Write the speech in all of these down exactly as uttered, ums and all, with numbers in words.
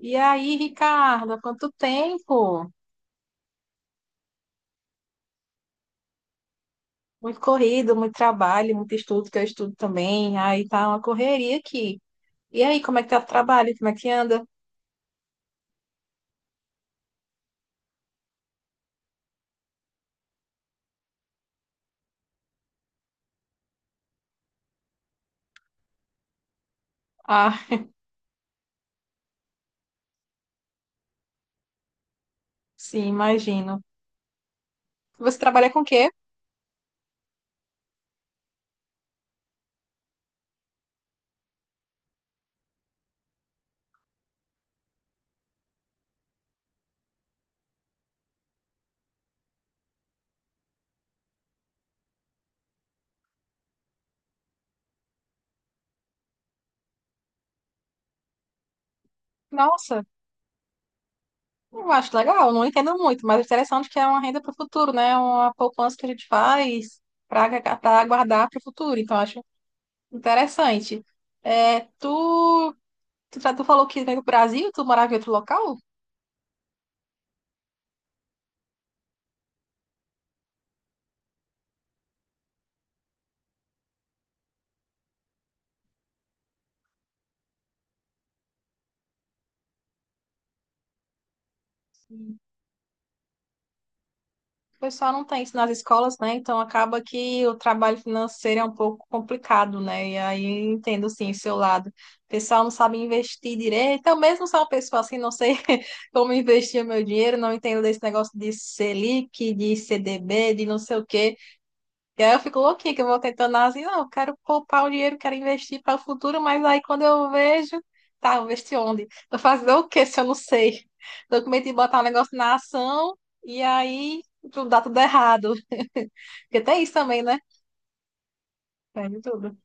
E aí, Ricardo, há quanto tempo? Muito corrido, muito trabalho, muito estudo, que eu estudo também. Aí tá uma correria aqui. E aí, como é que tá o trabalho? Como é que anda? Ah, sim, imagino. Você trabalha com o quê? Nossa, eu acho legal, não entendo muito, mas é interessante é que é uma renda para o futuro, né? Uma poupança que a gente faz para guardar para o futuro. Então, eu acho interessante. É, tu, tu, tra- tu falou que veio do Brasil, tu morava em outro local? O pessoal não tem isso nas escolas, né? Então acaba que o trabalho financeiro é um pouco complicado, né? E aí eu entendo sim o seu lado. O pessoal não sabe investir direito. Eu mesmo sou uma pessoa assim, não sei como investir o meu dinheiro, não entendo desse negócio de Selic, de C D B, de não sei o quê. E aí eu fico louquinha que eu vou tentando assim, não, eu quero poupar o dinheiro, quero investir para o futuro, mas aí quando eu vejo, tá, vou investir onde? Vou fazer o quê se eu não sei? Tô com medo de botar um negócio na ação e aí tudo dá tudo errado. Porque tem isso também, né? Perde tudo.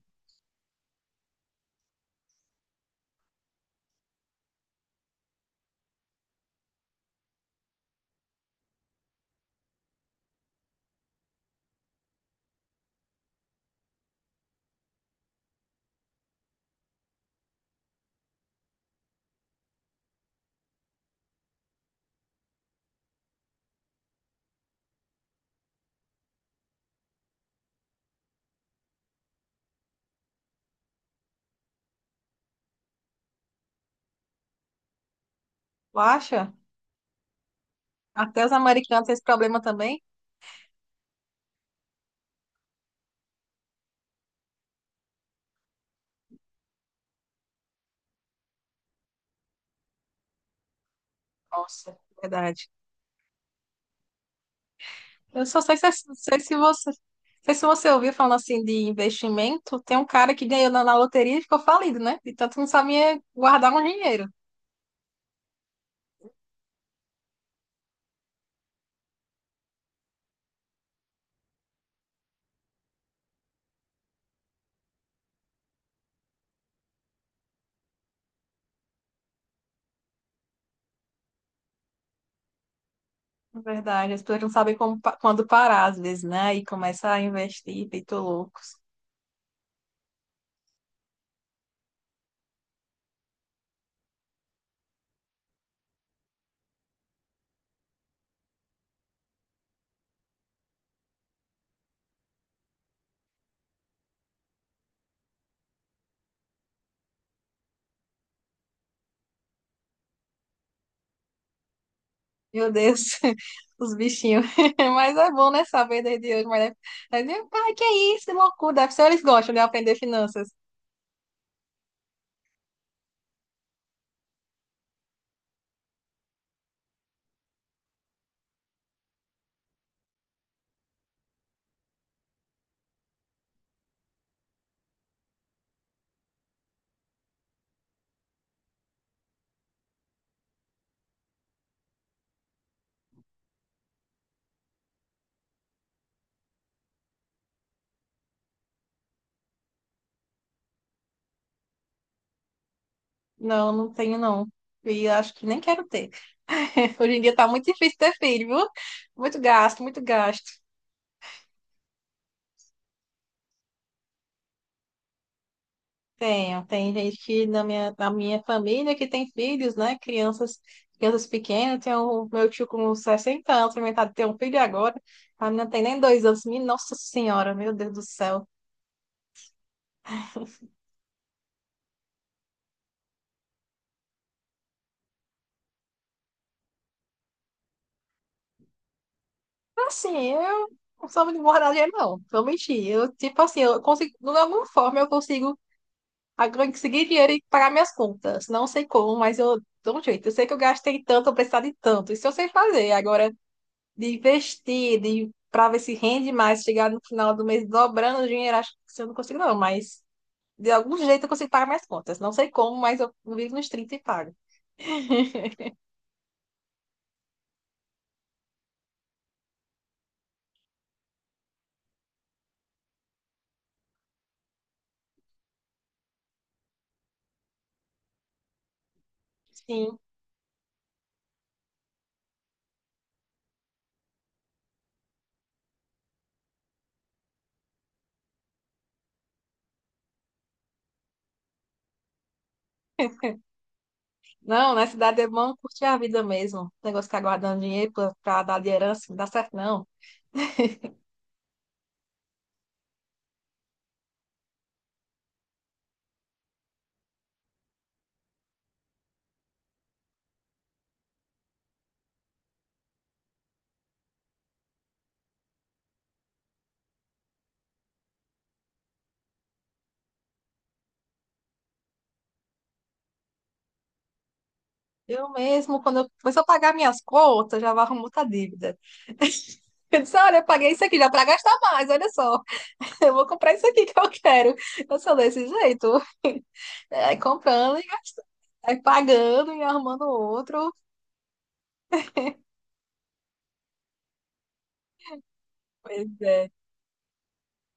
Tu acha? Até os americanos têm esse problema também? Nossa, verdade. Eu só sei se, sei se você. Sei se você ouviu falando assim de investimento, tem um cara que ganhou na, na loteria e ficou falido, né? De tanto que não sabia guardar um dinheiro. É verdade, as pessoas não sabem como pa- quando parar, às vezes, né? E começa a investir, feito loucos. Meu Deus, os bichinhos. Mas é bom, né? Saber desde hoje. Mas deve... deve- pai que é isso, que loucura. Deve ser eles gostam de aprender finanças. Não, não tenho, não. E acho que nem quero ter. Hoje em dia tá muito difícil ter filho, viu? Muito gasto, muito gasto. Tenho, tem gente que na minha, na minha família que tem filhos, né? Crianças, crianças pequenas, tem o meu tio com sessenta anos, experimentado ter um filho agora. A menina tem nem dois anos. Minha Nossa Senhora, meu Deus do céu. Assim, eu não sou muito moradia, não. Vou mentir. Eu, tipo assim, eu consigo, de alguma forma, eu consigo a- conseguir dinheiro e pagar minhas contas. Não sei como, mas eu dou um jeito. Eu sei que eu gastei tanto, eu precisava de tanto. Isso eu sei fazer. Agora. De investir, de para ver se rende mais, chegar no final do mês dobrando o dinheiro, acho que eu não consigo, não, mas de algum jeito eu consigo pagar minhas contas. Não sei como, mas eu vivo nos trinta e pago. Sim. Não, na cidade é bom curtir a vida mesmo. O negócio de ficar guardando dinheiro para dar de herança, não dá certo, não. Eu mesmo, quando eu começar a pagar minhas contas, já vou arrumar outra dívida. Eu disse, olha, eu paguei isso aqui já para gastar mais, olha só. Eu vou comprar isso aqui que eu quero. Eu sou desse jeito. É, comprando e gastando. Vai pagando e arrumando outro. Pois é,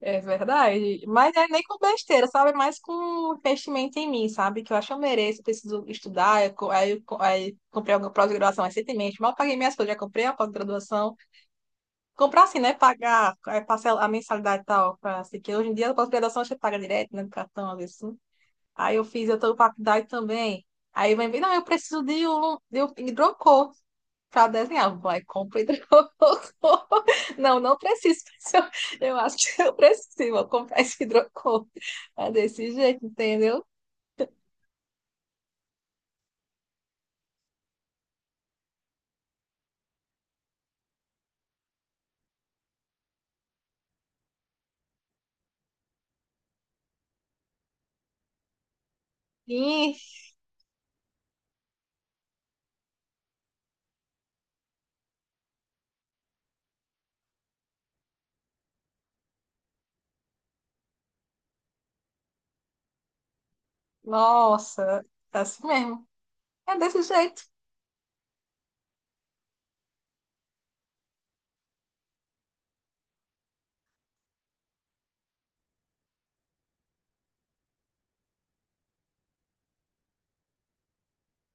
é verdade. Mas é nem com besteira, sabe? É mais com investimento em mim, sabe? Que eu acho que eu mereço, preciso estudar. Aí, eu co- aí eu co- aí comprei alguma pós-graduação recentemente. Mal paguei minhas coisas, já comprei a pós-graduação. Comprar assim, né? Pagar é, parcela, a mensalidade e tal. pra- Assim, que hoje em dia a pós-graduação você paga direto, né? No cartão, às vezes. Assim. Aí eu fiz, eu tô faculdade também. Aí vem, não, eu preciso de um, de um hidrocor para desenhar. Vai, compra e hidrocor. Não, não preciso. Pessoal. Eu acho que eu preciso. Vou comprar esse hidrocor. É desse jeito, entendeu? Ih, nossa, é assim mesmo. É desse jeito.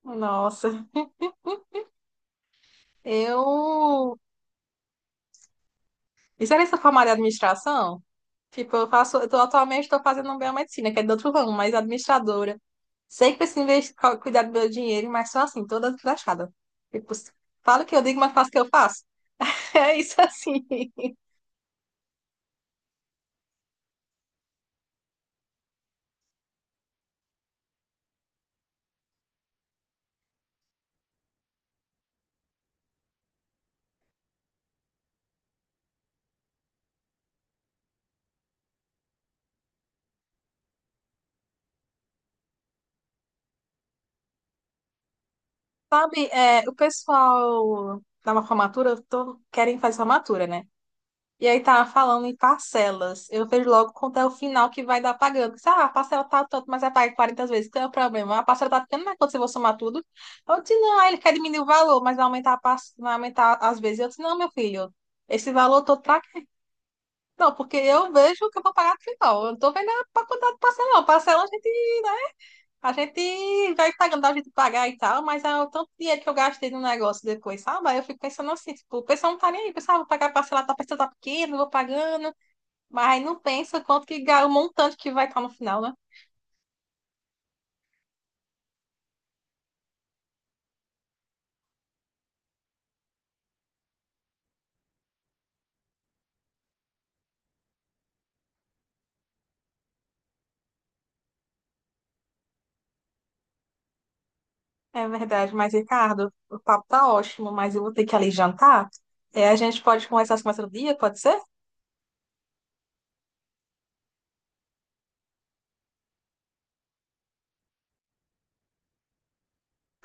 Nossa, eu. Isso era essa formada de administração? Tipo, eu faço, eu tô, atualmente estou fazendo biomedicina, que é de outro ramo, mas administradora. Sei que preciso investir, cu- cuidar do meu dinheiro, mas só assim, toda desgraçada. Tipo, falo o que eu digo, mas faço o que eu faço. É isso assim. Sabe, é, o pessoal da uma formatura, eu tô, querem fazer formatura, né? E aí tava falando em parcelas. Eu vejo logo quanto é o final que vai dar pagando. Disse, ah, a parcela tá tanto, mas vai pagar quarenta vezes. Qual é o problema? A parcela tá ficando, mas quando você for somar tudo. Eu disse, não, aí ele quer diminuir o valor, mas vai aumentar, a parce- vai aumentar as vezes. Eu disse, não, meu filho, esse valor todo pra quê? Não, porque eu vejo que eu vou pagar no final. Eu não tô vendo a quantidade de parcela, não. Parcela a gente a gente vai pagando, dá jeito de pagar e tal, mas é o tanto de dinheiro que eu gastei no negócio depois, sabe? Aí eu fico pensando assim, tipo, o pessoal não tá nem aí, o pessoal, ah, vou pagar parcelado, tá a parcela tá pequeno, vou pagando, mas não pensa quanto que, ga- o montante que vai estar no final, né? É verdade, mas Ricardo, o papo tá ótimo, mas eu vou ter que ali jantar. É, a gente pode conversar assim mais outro dia, pode ser?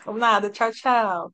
Ou nada, tchau, tchau.